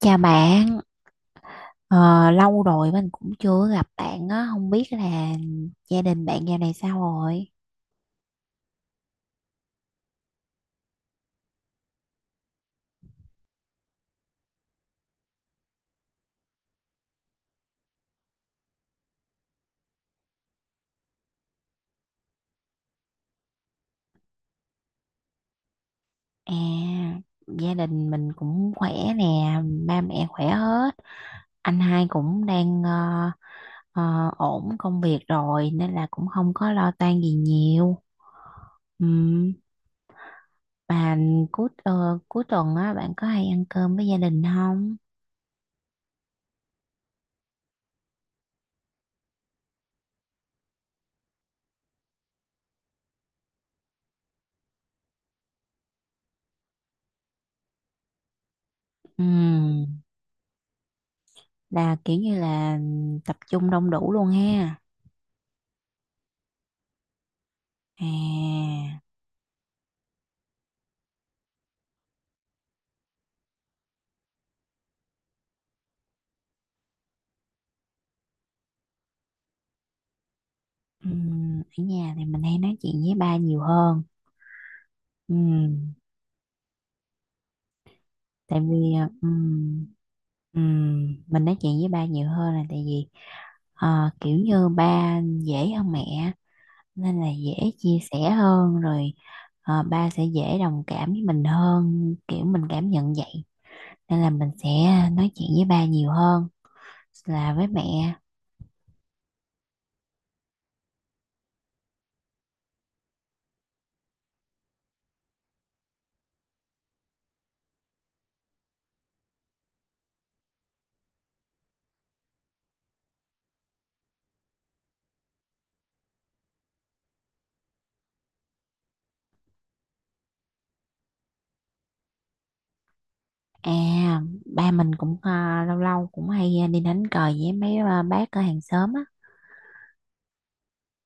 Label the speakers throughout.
Speaker 1: Chào bạn, ờ, lâu rồi mình cũng chưa gặp bạn á, không biết là gia đình bạn dạo này sao rồi? À, gia đình mình cũng khỏe nè, ba mẹ khỏe hết, anh hai cũng đang ổn công việc rồi nên là cũng không có lo toan gì nhiều. Ừm, Bà cuối ờ, cuối tuần á, bạn có hay ăn cơm với gia đình không? Ừm, là kiểu như là tập trung đông đủ luôn ha. À. Ở nhà thì mình hay nói chuyện với ba nhiều hơn. Ừm, tại vì mình nói chuyện với ba nhiều hơn là tại vì kiểu như ba dễ hơn mẹ nên là dễ chia sẻ hơn rồi, ba sẽ dễ đồng cảm với mình hơn kiểu mình cảm nhận vậy nên là mình sẽ nói chuyện với ba nhiều hơn là với mẹ. À, ba mình cũng lâu lâu cũng hay đi đánh cờ với mấy bác ở hàng xóm á,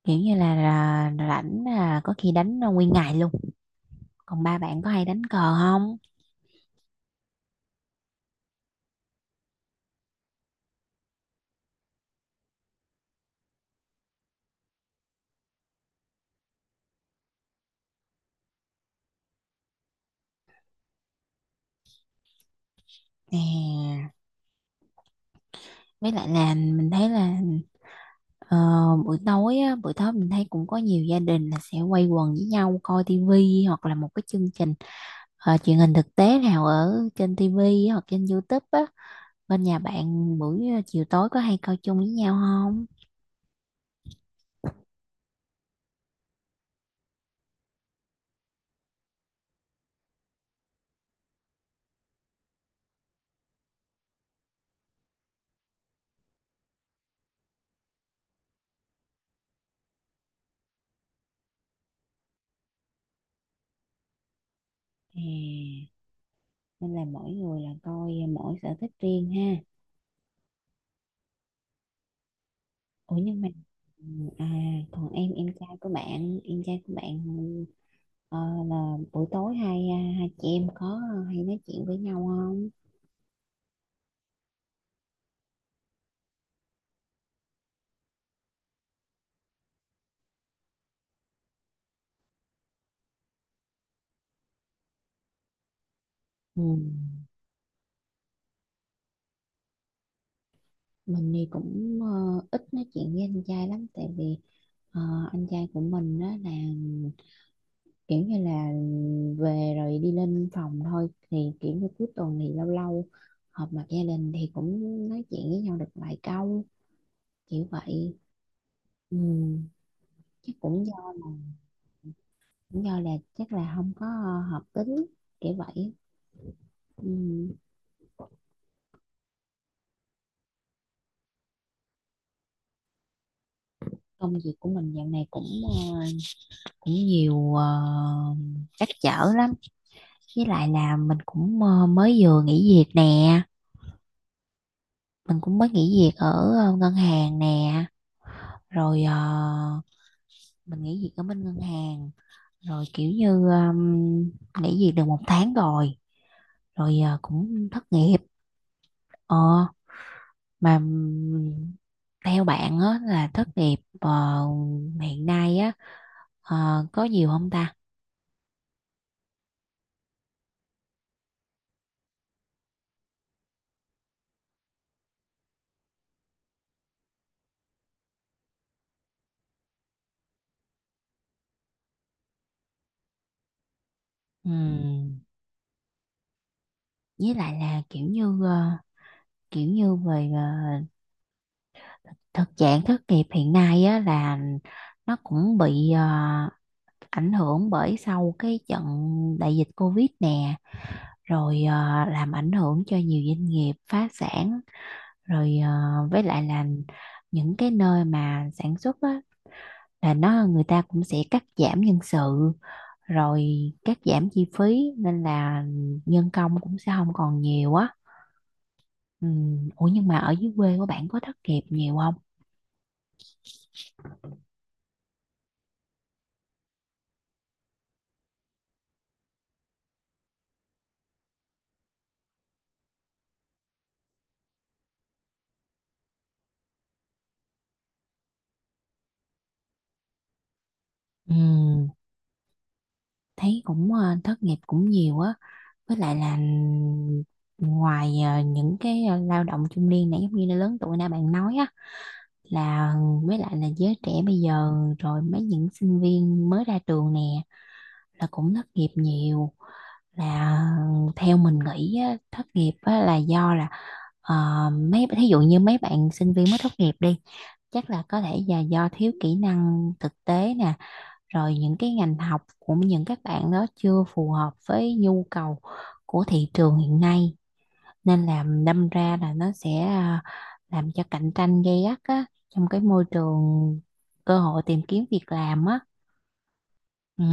Speaker 1: kiểu như là rảnh là có khi đánh là nguyên ngày luôn. Còn ba bạn có hay đánh cờ không? Nè, với lại là mình thấy là ờ, buổi tối á, buổi tối mình thấy cũng có nhiều gia đình là sẽ quây quần với nhau coi tivi hoặc là một cái chương trình truyền hình thực tế nào ở trên tivi hoặc trên YouTube á. Bên nhà bạn buổi chiều tối có hay coi chung với nhau không? À, nên là mỗi người là coi, mỗi sở thích riêng ha. Ủa, nhưng mà à còn em trai của bạn, ờ, là buổi tối hai hai chị em có hay nói chuyện với nhau không? Ừ. Mình thì cũng ít nói chuyện với anh trai lắm tại vì ờ, anh trai của mình đó là kiểu như là về rồi đi lên phòng thôi, thì kiểu như cuối tuần thì lâu lâu họp mặt gia đình thì cũng nói chuyện với nhau được vài câu, kiểu vậy. Ừ. Chắc cũng do Lý do là chắc là không có hợp tính, kiểu vậy. Ừm, Công việc của mình dạo này cũng ờ, cũng nhiều trắc trở lắm, với lại là mình cũng mới vừa nghỉ việc nè, mình cũng mới nghỉ việc ở ngân hàng nè, rồi mình nghỉ việc ở bên ngân hàng rồi kiểu như nghỉ việc được một tháng rồi, rồi cũng thất nghiệp ờ mà theo bạn á, là thất nghiệp hiện nay á có nhiều không ta? Ừm, với lại là kiểu như kiểu như về thực trạng thất nghiệp hiện nay á là nó cũng bị ảnh hưởng bởi sau cái trận đại dịch Covid nè, rồi làm ảnh hưởng cho nhiều doanh nghiệp phá sản, rồi với lại là những cái nơi mà sản xuất á là nó người ta cũng sẽ cắt giảm nhân sự rồi cắt giảm chi phí nên là nhân công cũng sẽ không còn nhiều á. Ừ. Ủa, nhưng mà ở dưới quê của bạn có thất nghiệp nhiều không? Ừ. Thấy cũng thất nghiệp cũng nhiều á, với lại là ừ, ngoài những cái lao động trung niên này giống như là lớn tuổi nãy bạn nói á, là với lại là giới trẻ bây giờ rồi mấy những sinh viên mới ra trường nè là cũng thất nghiệp nhiều, là theo mình nghĩ á, thất nghiệp á, là do là Ờ, mấy thí dụ như mấy bạn sinh viên mới tốt nghiệp đi, chắc là có thể là do thiếu kỹ năng thực tế nè, rồi những cái ngành học của những các bạn đó chưa phù hợp với nhu cầu của thị trường hiện nay, nên là đâm ra là nó sẽ làm cho cạnh tranh gay gắt á trong cái môi trường cơ hội tìm kiếm việc làm á. Ừ.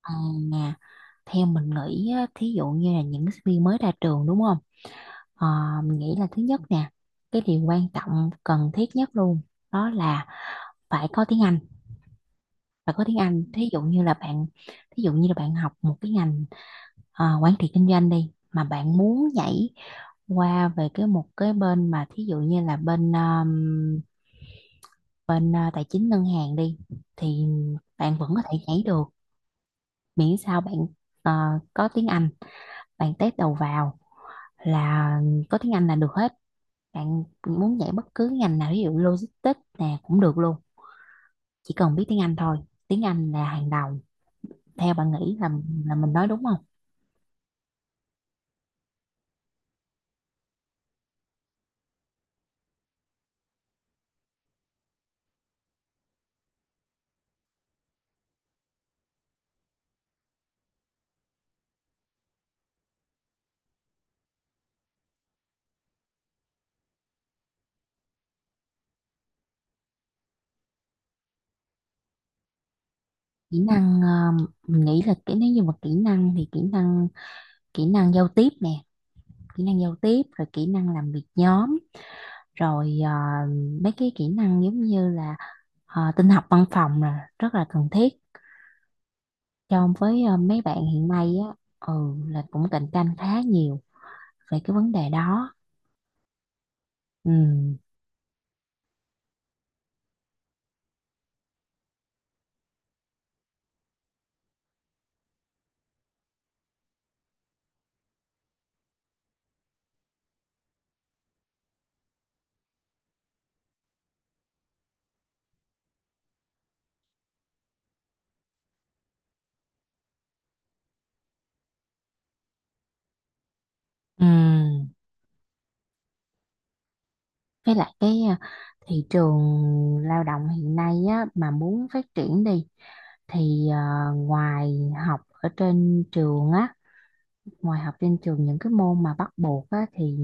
Speaker 1: à, nè, Theo mình nghĩ á, thí dụ như là những sinh viên mới ra trường đúng không? Ờ, mình nghĩ là thứ nhất nè, cái điều quan trọng cần thiết nhất luôn đó là phải có tiếng Anh. Và có tiếng Anh. Thí dụ như là bạn học một cái ngành quản trị kinh doanh đi, mà bạn muốn nhảy qua về cái một cái bên mà thí dụ như là bên bên tài chính ngân hàng đi, thì bạn vẫn có thể nhảy được miễn sao bạn ờ, có tiếng Anh, bạn test đầu vào là có tiếng Anh là được hết. Bạn muốn dạy bất cứ ngành nào ví dụ logistics nè cũng được luôn, chỉ cần biết tiếng Anh thôi, tiếng Anh là hàng đầu. Theo bạn nghĩ là mình nói đúng không? Kỹ năng mình nghĩ là cái nếu như mà kỹ năng giao tiếp nè, kỹ năng giao tiếp rồi kỹ năng làm việc nhóm, rồi mấy cái kỹ năng giống như là tin học văn phòng là rất là cần thiết cho với mấy bạn hiện nay á. Ừ. Là cũng cạnh tranh khá nhiều về cái vấn đề đó. Ừ. Ừ. Với lại cái thị trường lao động hiện nay á, mà muốn phát triển đi thì ngoài học ở trên trường á, ngoài học trên trường những cái môn mà bắt buộc á thì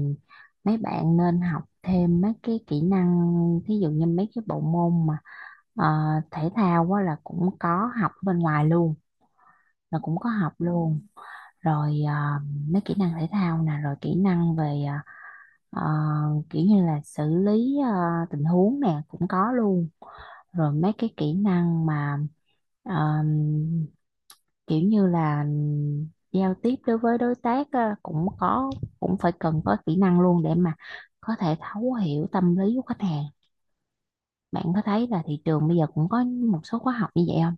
Speaker 1: mấy bạn nên học thêm mấy cái kỹ năng, thí dụ như mấy cái bộ môn mà ờ, thể thao á là cũng có học bên ngoài luôn, là cũng có học luôn, rồi mấy kỹ năng thể thao nè rồi kỹ năng về ờ, kiểu như là xử lý tình huống nè cũng có luôn, rồi mấy cái kỹ năng mà ờ, kiểu như là giao tiếp đối với đối tác á, cũng có, cũng phải cần có kỹ năng luôn để mà có thể thấu hiểu tâm lý của khách hàng. Bạn có thấy là thị trường bây giờ cũng có một số khóa học như vậy không?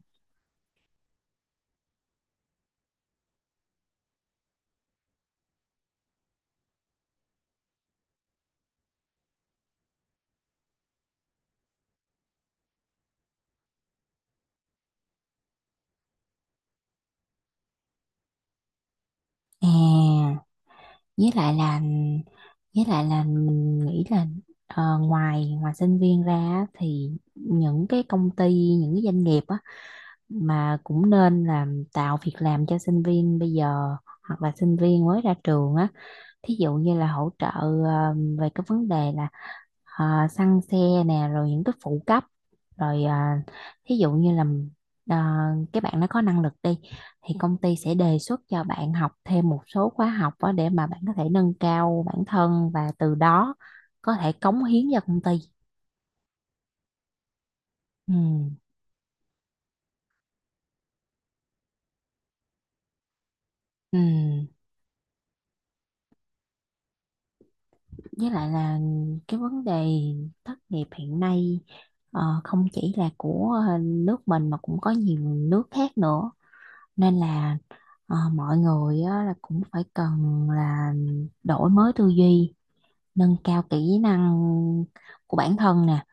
Speaker 1: à với lại là mình nghĩ là ngoài ngoài sinh viên ra á, thì những cái công ty những cái doanh nghiệp á mà cũng nên làm tạo việc làm cho sinh viên bây giờ hoặc là sinh viên mới ra trường á, thí dụ như là hỗ trợ về cái vấn đề là xăng xe nè rồi những cái phụ cấp, rồi thí dụ như là ờ, cái bạn nó có năng lực đi thì công ty sẽ đề xuất cho bạn học thêm một số khóa học đó để mà bạn có thể nâng cao bản thân và từ đó có thể cống hiến cho công ty. Ừ. Ừ. Với lại là cái vấn đề thất nghiệp hiện nay không chỉ là của nước mình mà cũng có nhiều nước khác nữa, nên là mọi người á, là cũng phải cần là đổi mới tư duy, nâng cao kỹ năng của bản thân nè,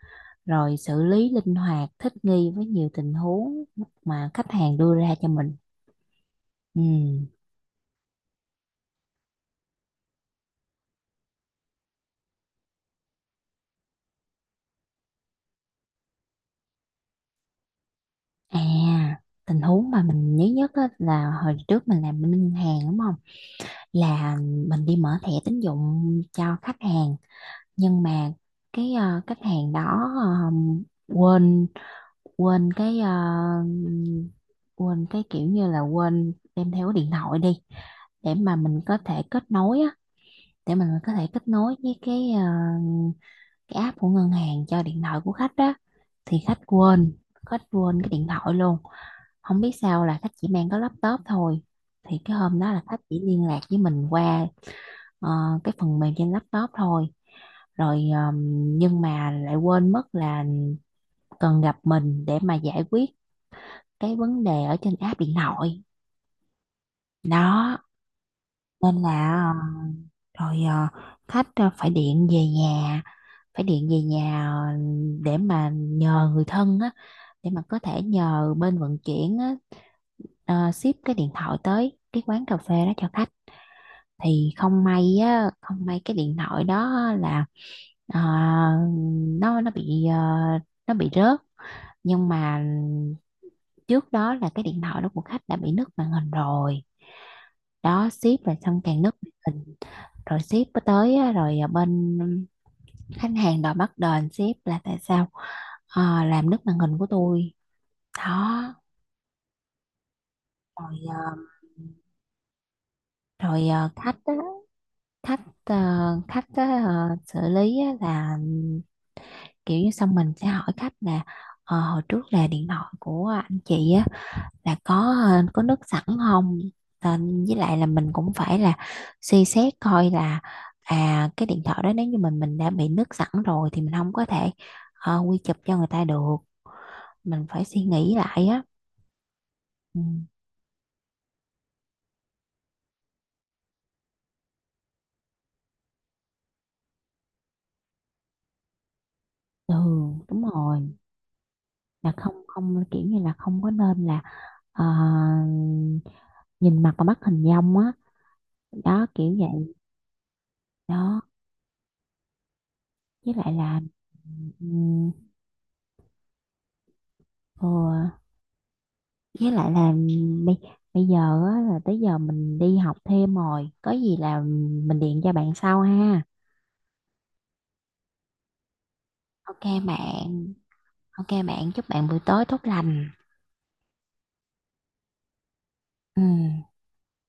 Speaker 1: rồi xử lý linh hoạt thích nghi với nhiều tình huống mà khách hàng đưa ra cho mình. Ừ. À, tình huống mà mình nhớ nhất á, là hồi trước mình làm bên ngân hàng đúng không, là mình đi mở thẻ tín dụng cho khách hàng, nhưng mà cái khách hàng đó quên quên cái ờ, quên cái kiểu như là quên đem theo cái điện thoại đi để mà mình có thể kết nối á, để mình có thể kết nối với cái cái app của ngân hàng cho điện thoại của khách đó, thì khách quên, cái điện thoại luôn, không biết sao là khách chỉ mang có laptop thôi. Thì cái hôm đó là khách chỉ liên lạc với mình qua ờ, cái phần mềm trên laptop thôi, rồi nhưng mà lại quên mất là cần gặp mình để mà giải quyết cái vấn đề ở trên app điện thoại đó, nên là ờ, rồi ờ, khách ờ, phải điện về nhà, phải điện về nhà ờ, để mà nhờ người thân á, để mà có thể nhờ bên vận chuyển á, ship cái điện thoại tới cái quán cà phê đó cho khách. Thì không may á, không may cái điện thoại đó là ờ, nó nó bị ờ, nó bị rớt. Nhưng mà trước đó là cái điện thoại đó của khách đã bị nứt màn hình rồi, đó ship rồi xong càng nứt màn hình, rồi ship có tới á, rồi bên khách hàng đòi bắt đền ship là tại sao làm nứt màn hình của tôi. Đó, rồi à, rồi khách ờ, khách á, xử lý á là kiểu như xong mình sẽ hỏi khách là hồi trước là điện thoại của anh chị á là có nước sẵn không. Nên với lại là mình cũng phải là suy xét coi là cái điện thoại đó nếu như mình đã bị nước sẵn rồi thì mình không có thể quy chụp cho người ta được, mình phải suy nghĩ lại á. Ừ. Ừ. Đúng rồi, là không không kiểu như là không có nên là ờ, nhìn mặt và bắt hình dong á, đó kiểu vậy. Đó. Với lại là Ừ. Ừ. Với lại là bây bây giờ á, là tới giờ mình đi học thêm rồi có gì là mình điện cho bạn sau ha. Ok bạn. Ok bạn, chúc bạn buổi tối tốt lành. Ừ.